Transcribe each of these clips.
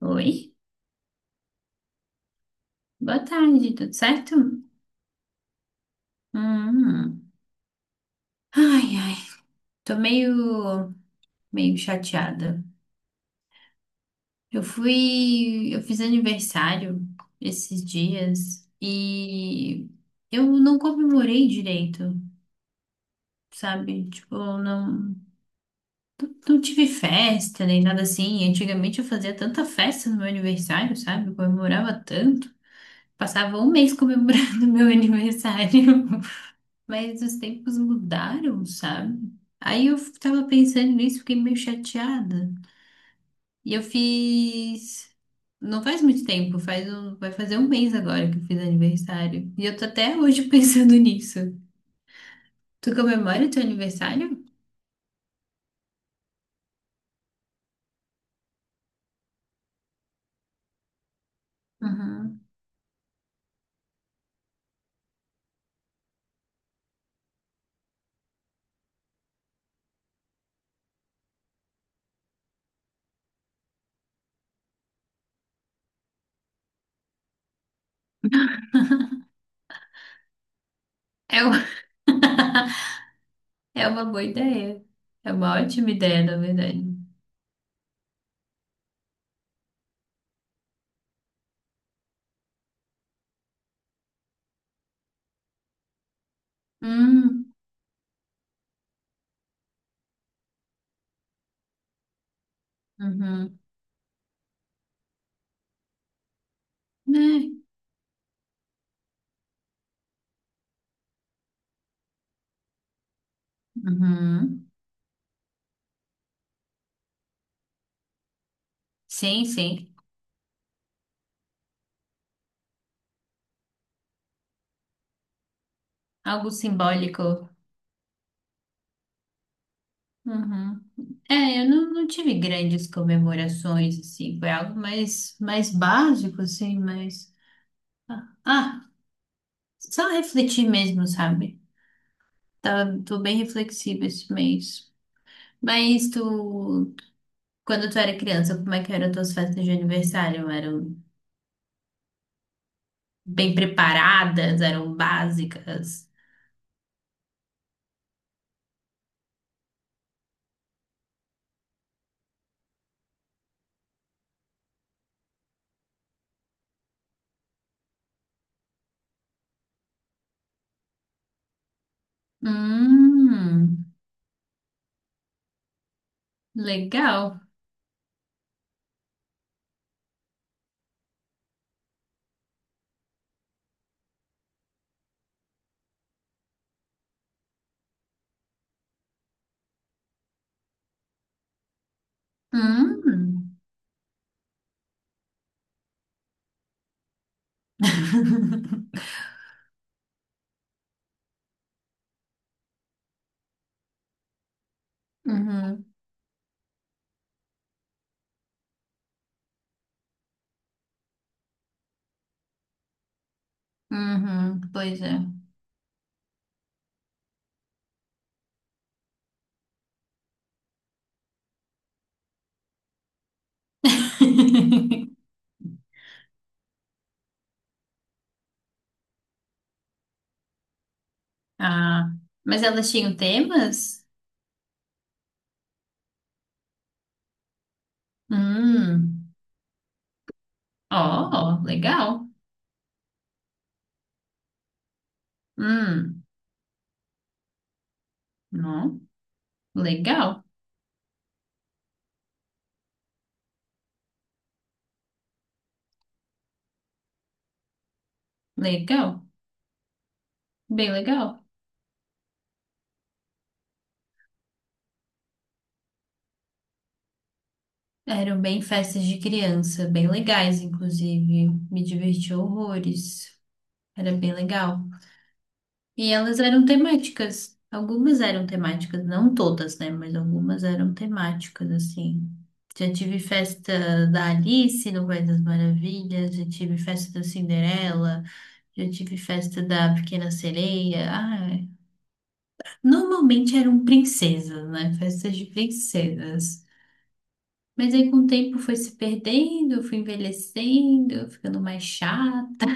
Oi, boa tarde, tudo certo? Hum. Ai, ai, tô meio chateada. Eu fiz aniversário esses dias e eu não comemorei direito, sabe? Tipo, não tive festa nem nada assim. Antigamente eu fazia tanta festa no meu aniversário, sabe? Eu comemorava tanto. Passava um mês comemorando meu aniversário. Mas os tempos mudaram, sabe? Aí eu tava pensando nisso, fiquei meio chateada. E eu fiz. Não faz muito tempo, faz um... vai fazer um mês agora que eu fiz aniversário. E eu tô até hoje pensando nisso. Tu comemora teu aniversário? Uhum. É, u- é uma boa ideia. É uma ótima ideia, na verdade. Hum, uhum. Né? Uhum. Sim, sim. Algo simbólico. Uhum. É, eu não tive grandes comemorações, assim, foi algo mais básico, assim, mas... Ah, ah, só refletir mesmo, sabe? Tô bem reflexiva esse mês. Mas tu, quando tu era criança, como é que eram tuas festas de aniversário? Eram bem preparadas, eram básicas? Hum, legal. Hum. Uhum, uhum, pois é. Ah, mas elas tinham temas? Hum, ó, ó, legal. Hum, não, legal, legal, bem legal. Eram bem festas de criança, bem legais, inclusive. Me diverti horrores. Era bem legal. E elas eram temáticas. Algumas eram temáticas, não todas, né? Mas algumas eram temáticas, assim. Já tive festa da Alice no País das Maravilhas, já tive festa da Cinderela. Já tive festa da Pequena Sereia. Ah, é, normalmente eram princesas, né? Festas de princesas. Mas aí com o tempo foi se perdendo, fui envelhecendo, ficando mais chato.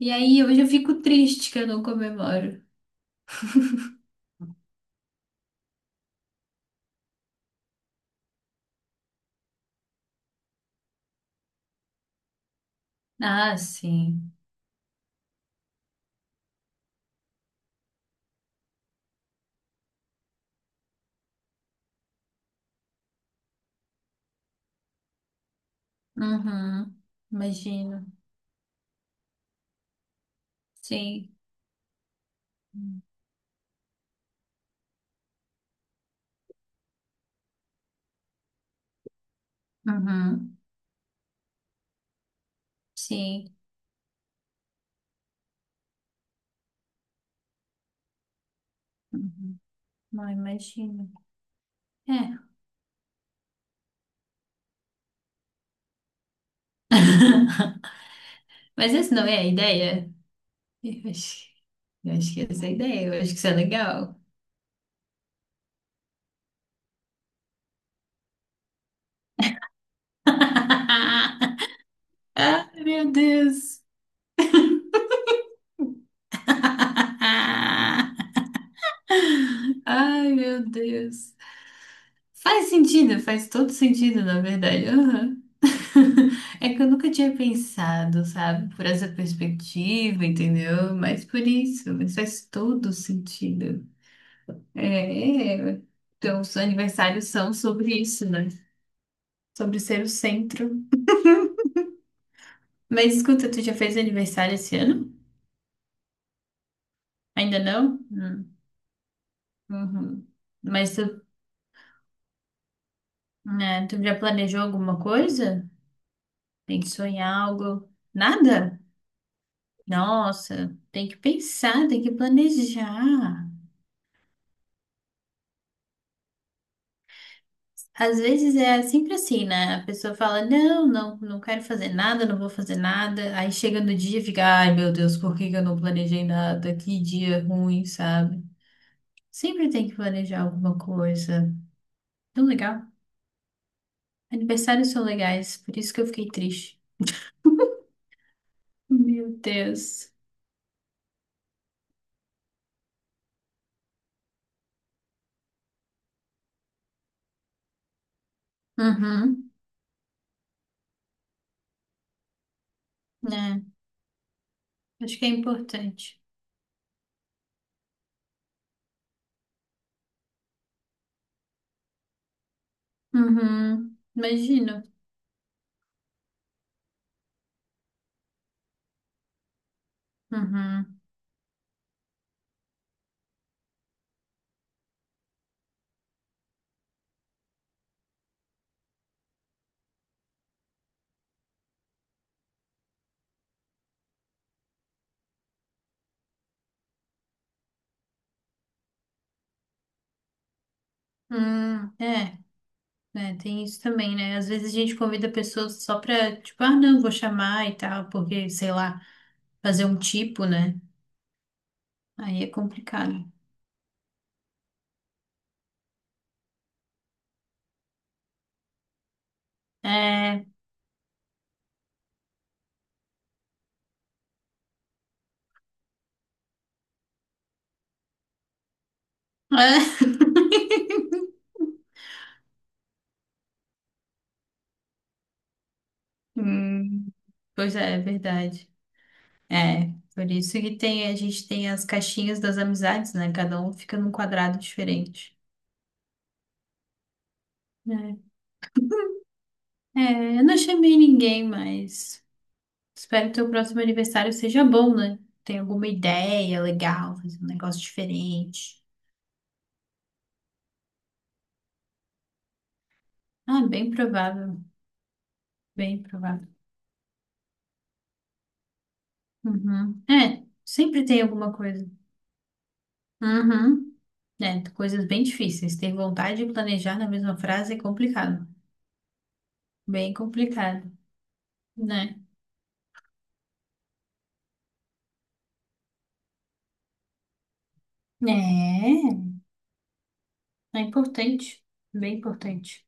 E aí hoje eu fico triste que eu não comemoro. Ah, sim. Uhum. Imagino. Sim. Uhum. Sim. Uhum. Não imagino. É. Mas essa não é a ideia? Eu acho, eu acho que essa é a ideia, eu acho que isso é legal. Ai, meu Deus. Ai, meu Deus. Faz sentido, faz todo sentido, na verdade. Aham. É que eu nunca tinha pensado, sabe, por essa perspectiva, entendeu? Mas por isso, mas faz todo sentido. É, é. Então, os aniversários são sobre isso, né? Sobre ser o centro. Mas escuta, tu já fez aniversário esse ano? Ainda não? Hum. Uhum. Mas tu É, tu já planejou alguma coisa? Pensou em algo? Nada? Nossa, tem que pensar, tem que planejar. Às vezes é sempre assim, né? A pessoa fala, não quero fazer nada, não vou fazer nada. Aí chega no dia e fica, ai meu Deus, por que que eu não planejei nada? Que dia ruim, sabe? Sempre tem que planejar alguma coisa. Tão legal. Aniversários são legais, por isso que eu fiquei triste. Meu Deus. Uhum, né? Acho que é importante. Uhum, imagino. Uhum. É, é, tem isso também, né? Às vezes a gente convida pessoas só pra, tipo, ah, não, vou chamar e tal, porque, sei lá, fazer um tipo, né? Aí é complicado. É, é. Hum, pois é, é verdade. É, por isso que tem, a gente tem as caixinhas das amizades, né? Cada um fica num quadrado diferente. É, é, eu não chamei ninguém, mas. Espero que teu próximo aniversário seja bom, né? Tem alguma ideia legal, fazer um negócio diferente. Ah, bem provável, bem provável. Uhum. É, sempre tem alguma coisa. Uhum. É, coisas bem difíceis. Ter vontade de planejar na mesma frase é complicado. Bem complicado, né? É, é importante. Bem importante.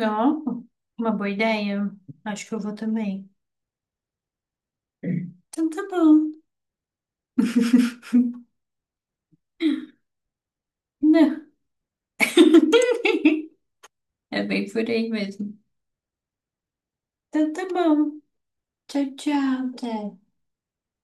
Ó, uma boa ideia. Acho que eu vou também. Então tá bom, né? É bem por aí mesmo. Então tá bom. Tchau, tchau, Té.